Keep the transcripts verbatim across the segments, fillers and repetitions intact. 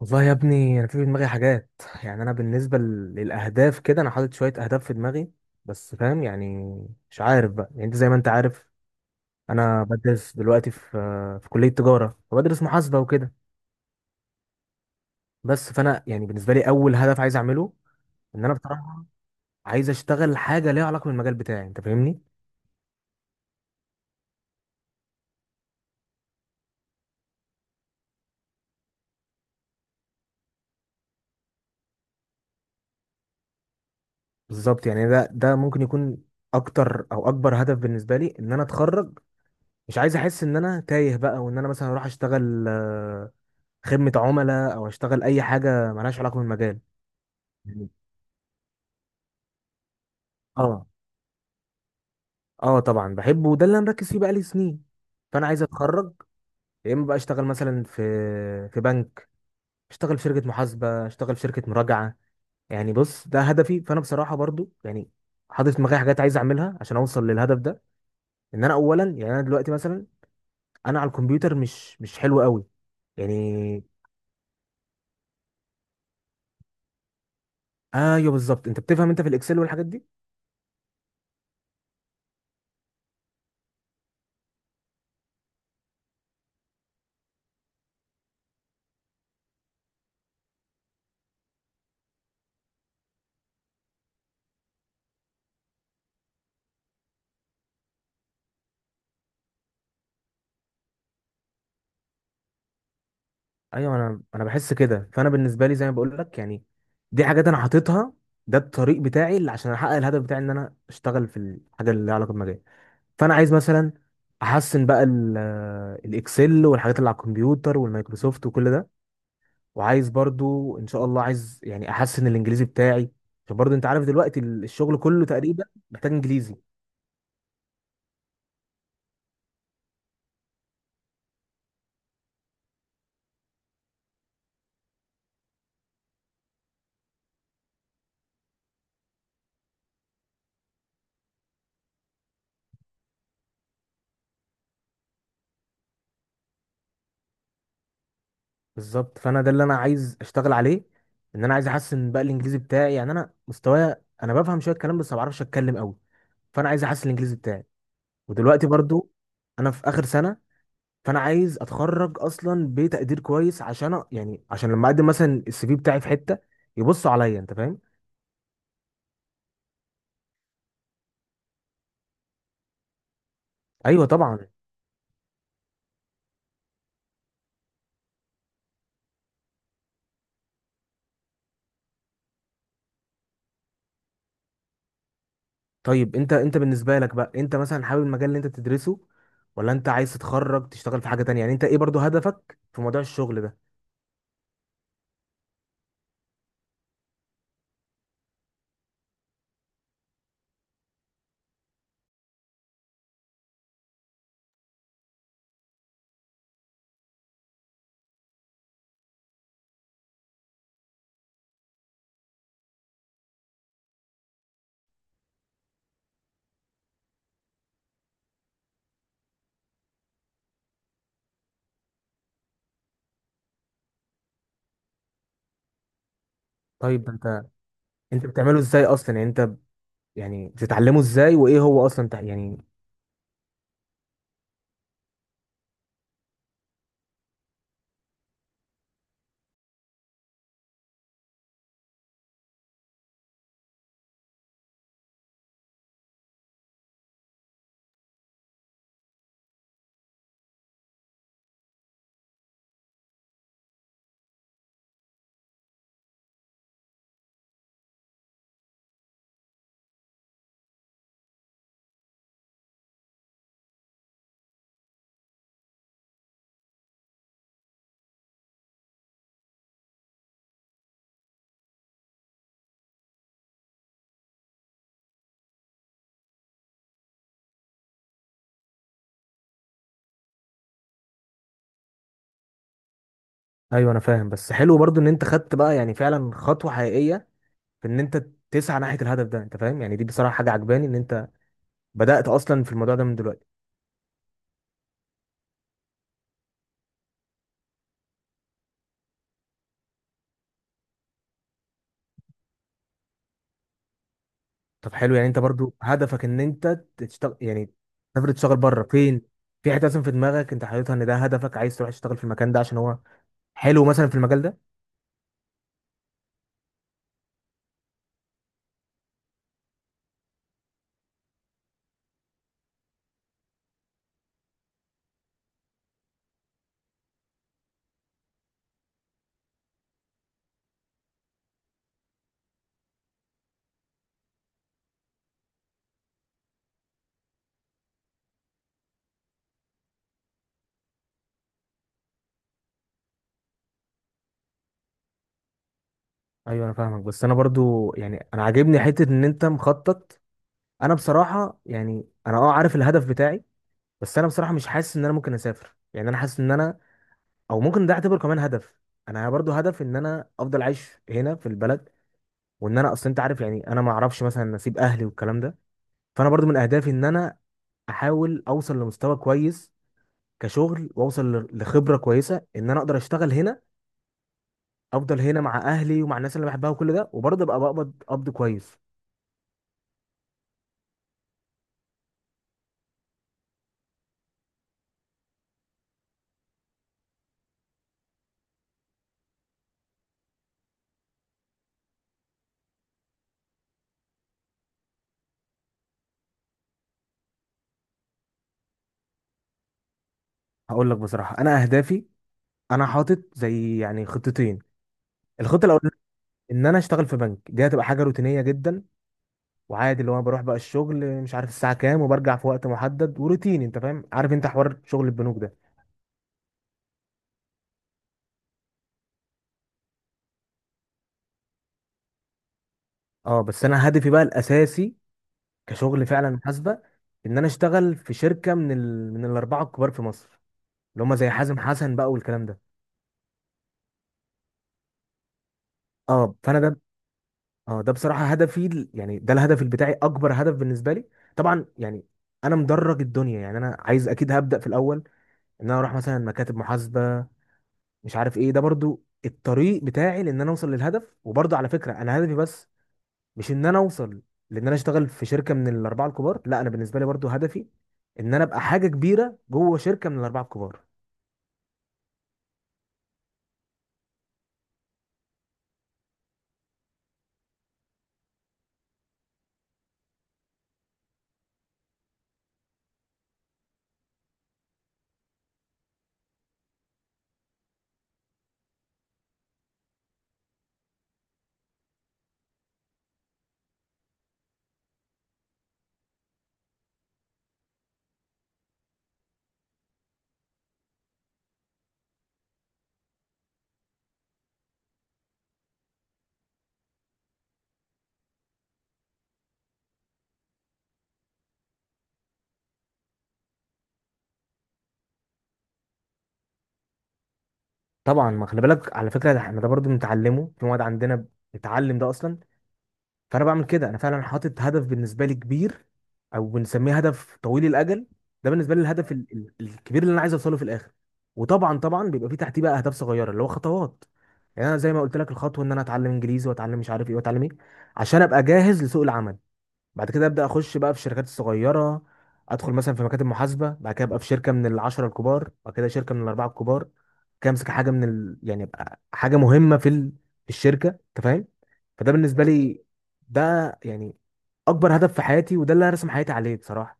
والله يا ابني انا في في دماغي حاجات. يعني انا بالنسبه ل- للاهداف كده انا حاطط شويه اهداف في دماغي، بس فاهم يعني. مش عارف بقى، يعني انت زي ما انت عارف انا بدرس دلوقتي في في كليه تجاره وبدرس محاسبه وكده. بس فانا يعني بالنسبه لي اول هدف عايز اعمله ان انا بصراحه عايز اشتغل حاجه ليها علاقه بالمجال بتاعي، انت فاهمني. بالظبط، يعني ده ده ممكن يكون اكتر او اكبر هدف بالنسبه لي ان انا اتخرج. مش عايز احس ان انا تايه بقى، وان انا مثلا اروح اشتغل خدمة عملاء او اشتغل اي حاجة ملهاش علاقة بالمجال. يعني اه، اه طبعا بحبه، وده اللي انا مركز فيه بقالي سنين. فانا عايز اتخرج يا اما بقى اشتغل مثلا في في بنك، اشتغل في شركة محاسبة، اشتغل في شركة مراجعة. يعني بص، ده هدفي. فانا بصراحة برضو يعني حاطط في دماغي حاجات عايز اعملها عشان اوصل للهدف ده. ان انا اولا يعني انا دلوقتي مثلا انا على الكمبيوتر مش مش حلو قوي، يعني. ايوه بالظبط، انت بتفهم انت في الاكسل والحاجات دي. ايوه انا انا بحس كده. فانا بالنسبه لي زي ما بقول لك يعني، دي حاجات انا حاططها. ده الطريق بتاعي اللي عشان احقق الهدف بتاعي ان انا اشتغل في الحاجه اللي لها علاقه بمجالي. فانا عايز مثلا احسن بقى ال- الاكسل والحاجات اللي على الكمبيوتر والمايكروسوفت وكل ده. وعايز برضو ان شاء الله، عايز يعني احسن الانجليزي بتاعي، عشان برضو انت عارف دلوقتي ال- الشغل كله تقريبا محتاج انجليزي. بالظبط، فانا ده اللي انا عايز اشتغل عليه، ان انا عايز احسن بقى الانجليزي بتاعي. يعني انا مستواي انا بفهم شويه الكلام، بس ما بعرفش اتكلم قوي. فانا عايز احسن الانجليزي بتاعي. ودلوقتي برضو انا في اخر سنه، فانا عايز اتخرج اصلا بتقدير كويس عشان أ- يعني عشان لما اقدم مثلا السي في بتاعي في حته يبصوا عليا، انت فاهم. ايوه طبعا. طيب انت انت بالنسبه لك بقى انت مثلا حابب المجال اللي انت بتدرسه، ولا انت عايز تتخرج تشتغل في حاجه تانية؟ يعني انت ايه برضو هدفك في موضوع الشغل ده؟ طيب ده انت، انت بتعمله ازاي اصلا؟ يعني انت ب- يعني بتتعلمه ازاي، وايه هو اصلا تع- يعني. ايوه انا فاهم، بس حلو برضو ان انت خدت بقى يعني فعلا خطوه حقيقيه في ان انت تسعى ناحيه الهدف ده، انت فاهم. يعني دي بصراحه حاجه عجباني ان انت بدات اصلا في الموضوع ده من دلوقتي. طب حلو، يعني انت برضو هدفك ان انت تشتغل، يعني تسافر تشتغل بره؟ فين؟ في حته اصلا في دماغك انت حاططها ان ده هدفك، عايز تروح تشتغل في المكان ده عشان هو حلو مثلا في المجال ده؟ ايوه انا فاهمك، بس انا برضو يعني انا عاجبني حته ان انت مخطط. انا بصراحه يعني انا اه عارف الهدف بتاعي، بس انا بصراحه مش حاسس ان انا ممكن اسافر. يعني انا حاسس ان انا، او ممكن ده اعتبره كمان هدف، انا برضو هدف ان انا افضل عايش هنا في البلد. وان انا اصل انت عارف، يعني انا ما اعرفش مثلا نصيب اهلي والكلام ده. فانا برضو من اهدافي ان انا احاول اوصل لمستوى كويس كشغل، واوصل ل- لخبره كويسه ان انا اقدر اشتغل هنا، افضل هنا مع اهلي ومع الناس اللي بحبها وكل ده، وبرضه ابقى بقبض قبض كويس. هقول لك بصراحه، انا اهدافي انا حاطط زي يعني خطتين. الخطه الاولانيه ان انا اشتغل في بنك، دي هتبقى حاجه روتينيه جدا وعادي، اللي هو أنا بروح بقى الشغل مش عارف الساعه كام، وبرجع في وقت محدد وروتيني، انت فاهم، عارف انت حوار شغل البنوك ده. اه بس انا هدفي بقى الاساسي كشغل فعلا محاسبه ان انا اشتغل في شركه من ال... من الاربعه الكبار في مصر، اللي هم زي حازم حسن بقى والكلام ده. اه فانا ده، اه ده بصراحه هدفي ال- يعني ده الهدف بتاعي، اكبر هدف بالنسبه لي. طبعا يعني انا مدرج الدنيا، يعني انا عايز اكيد هبدا في الاول، ان انا اروح مثلا مكاتب محاسبه مش عارف ايه. ده برضو الطريق بتاعي لان انا اوصل للهدف. وبرضو على فكره انا هدفي بس مش ان انا اوصل لان انا اشتغل في شركه من الاربعه الكبار، لا، انا بالنسبه لي برضو هدفي ان انا ابقى حاجه كبيره جوه شركه من الاربعه الكبار. طبعا، ما خلي بالك، على فكره ده احنا ده برضو بنتعلمه في مواد عندنا، بنتعلم ده اصلا. فانا بعمل كده، انا فعلا حاطط هدف بالنسبه لي كبير، او بنسميه هدف طويل الاجل. ده بالنسبه لي الهدف ال- ال- الكبير اللي انا عايز اوصله في الاخر. وطبعا طبعا بيبقى في تحتيه بقى اهداف صغيره اللي هو خطوات. يعني انا زي ما قلت لك، الخطوه ان انا اتعلم انجليزي، واتعلم مش عارف ايه، واتعلم ايه عشان ابقى جاهز لسوق العمل. بعد كده ابدا اخش بقى في الشركات الصغيره، ادخل مثلا في مكاتب محاسبه، بعد كده ابقى في شركه من العشره الكبار، بعد كده شركه من الاربعه الكبار. كده امسك حاجه من ال... يعني ابقى حاجه مهمه في ال... في الشركه، انت فاهم. فده بالنسبه لي، ده يعني اكبر هدف في حياتي، وده اللي هرسم حياتي عليه بصراحه.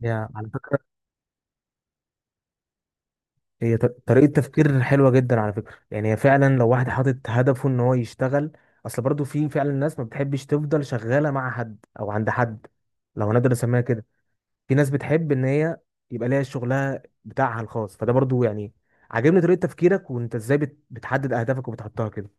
يا على فكرة، هي ط- طريقة تفكير حلوة جدا على فكرة، يعني هي فعلا لو واحد حاطط هدفه ان هو يشتغل، اصل برضو في فعلا ناس ما بتحبش تفضل شغالة مع حد او عند حد، لو هنقدر نسميها كده. في ناس بتحب ان هي يبقى ليها شغلها بتاعها الخاص. فده برضو يعني عاجبني طريقة تفكيرك، وانت ازاي بت- بتحدد اهدافك وبتحطها كده.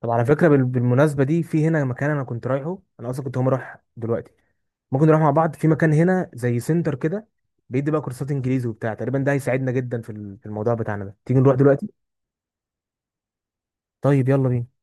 طب على فكرة، بال- بالمناسبة دي في هنا مكان انا كنت رايحه، انا اصلا كنت هقوم اروح دلوقتي. ممكن نروح مع بعض في مكان هنا زي سنتر كده، بيدي بقى كورسات انجليزي وبتاع. تقريبا ده هيساعدنا جدا في ال- في الموضوع بتاعنا ده. تيجي نروح دلوقتي؟ طيب يلا بينا.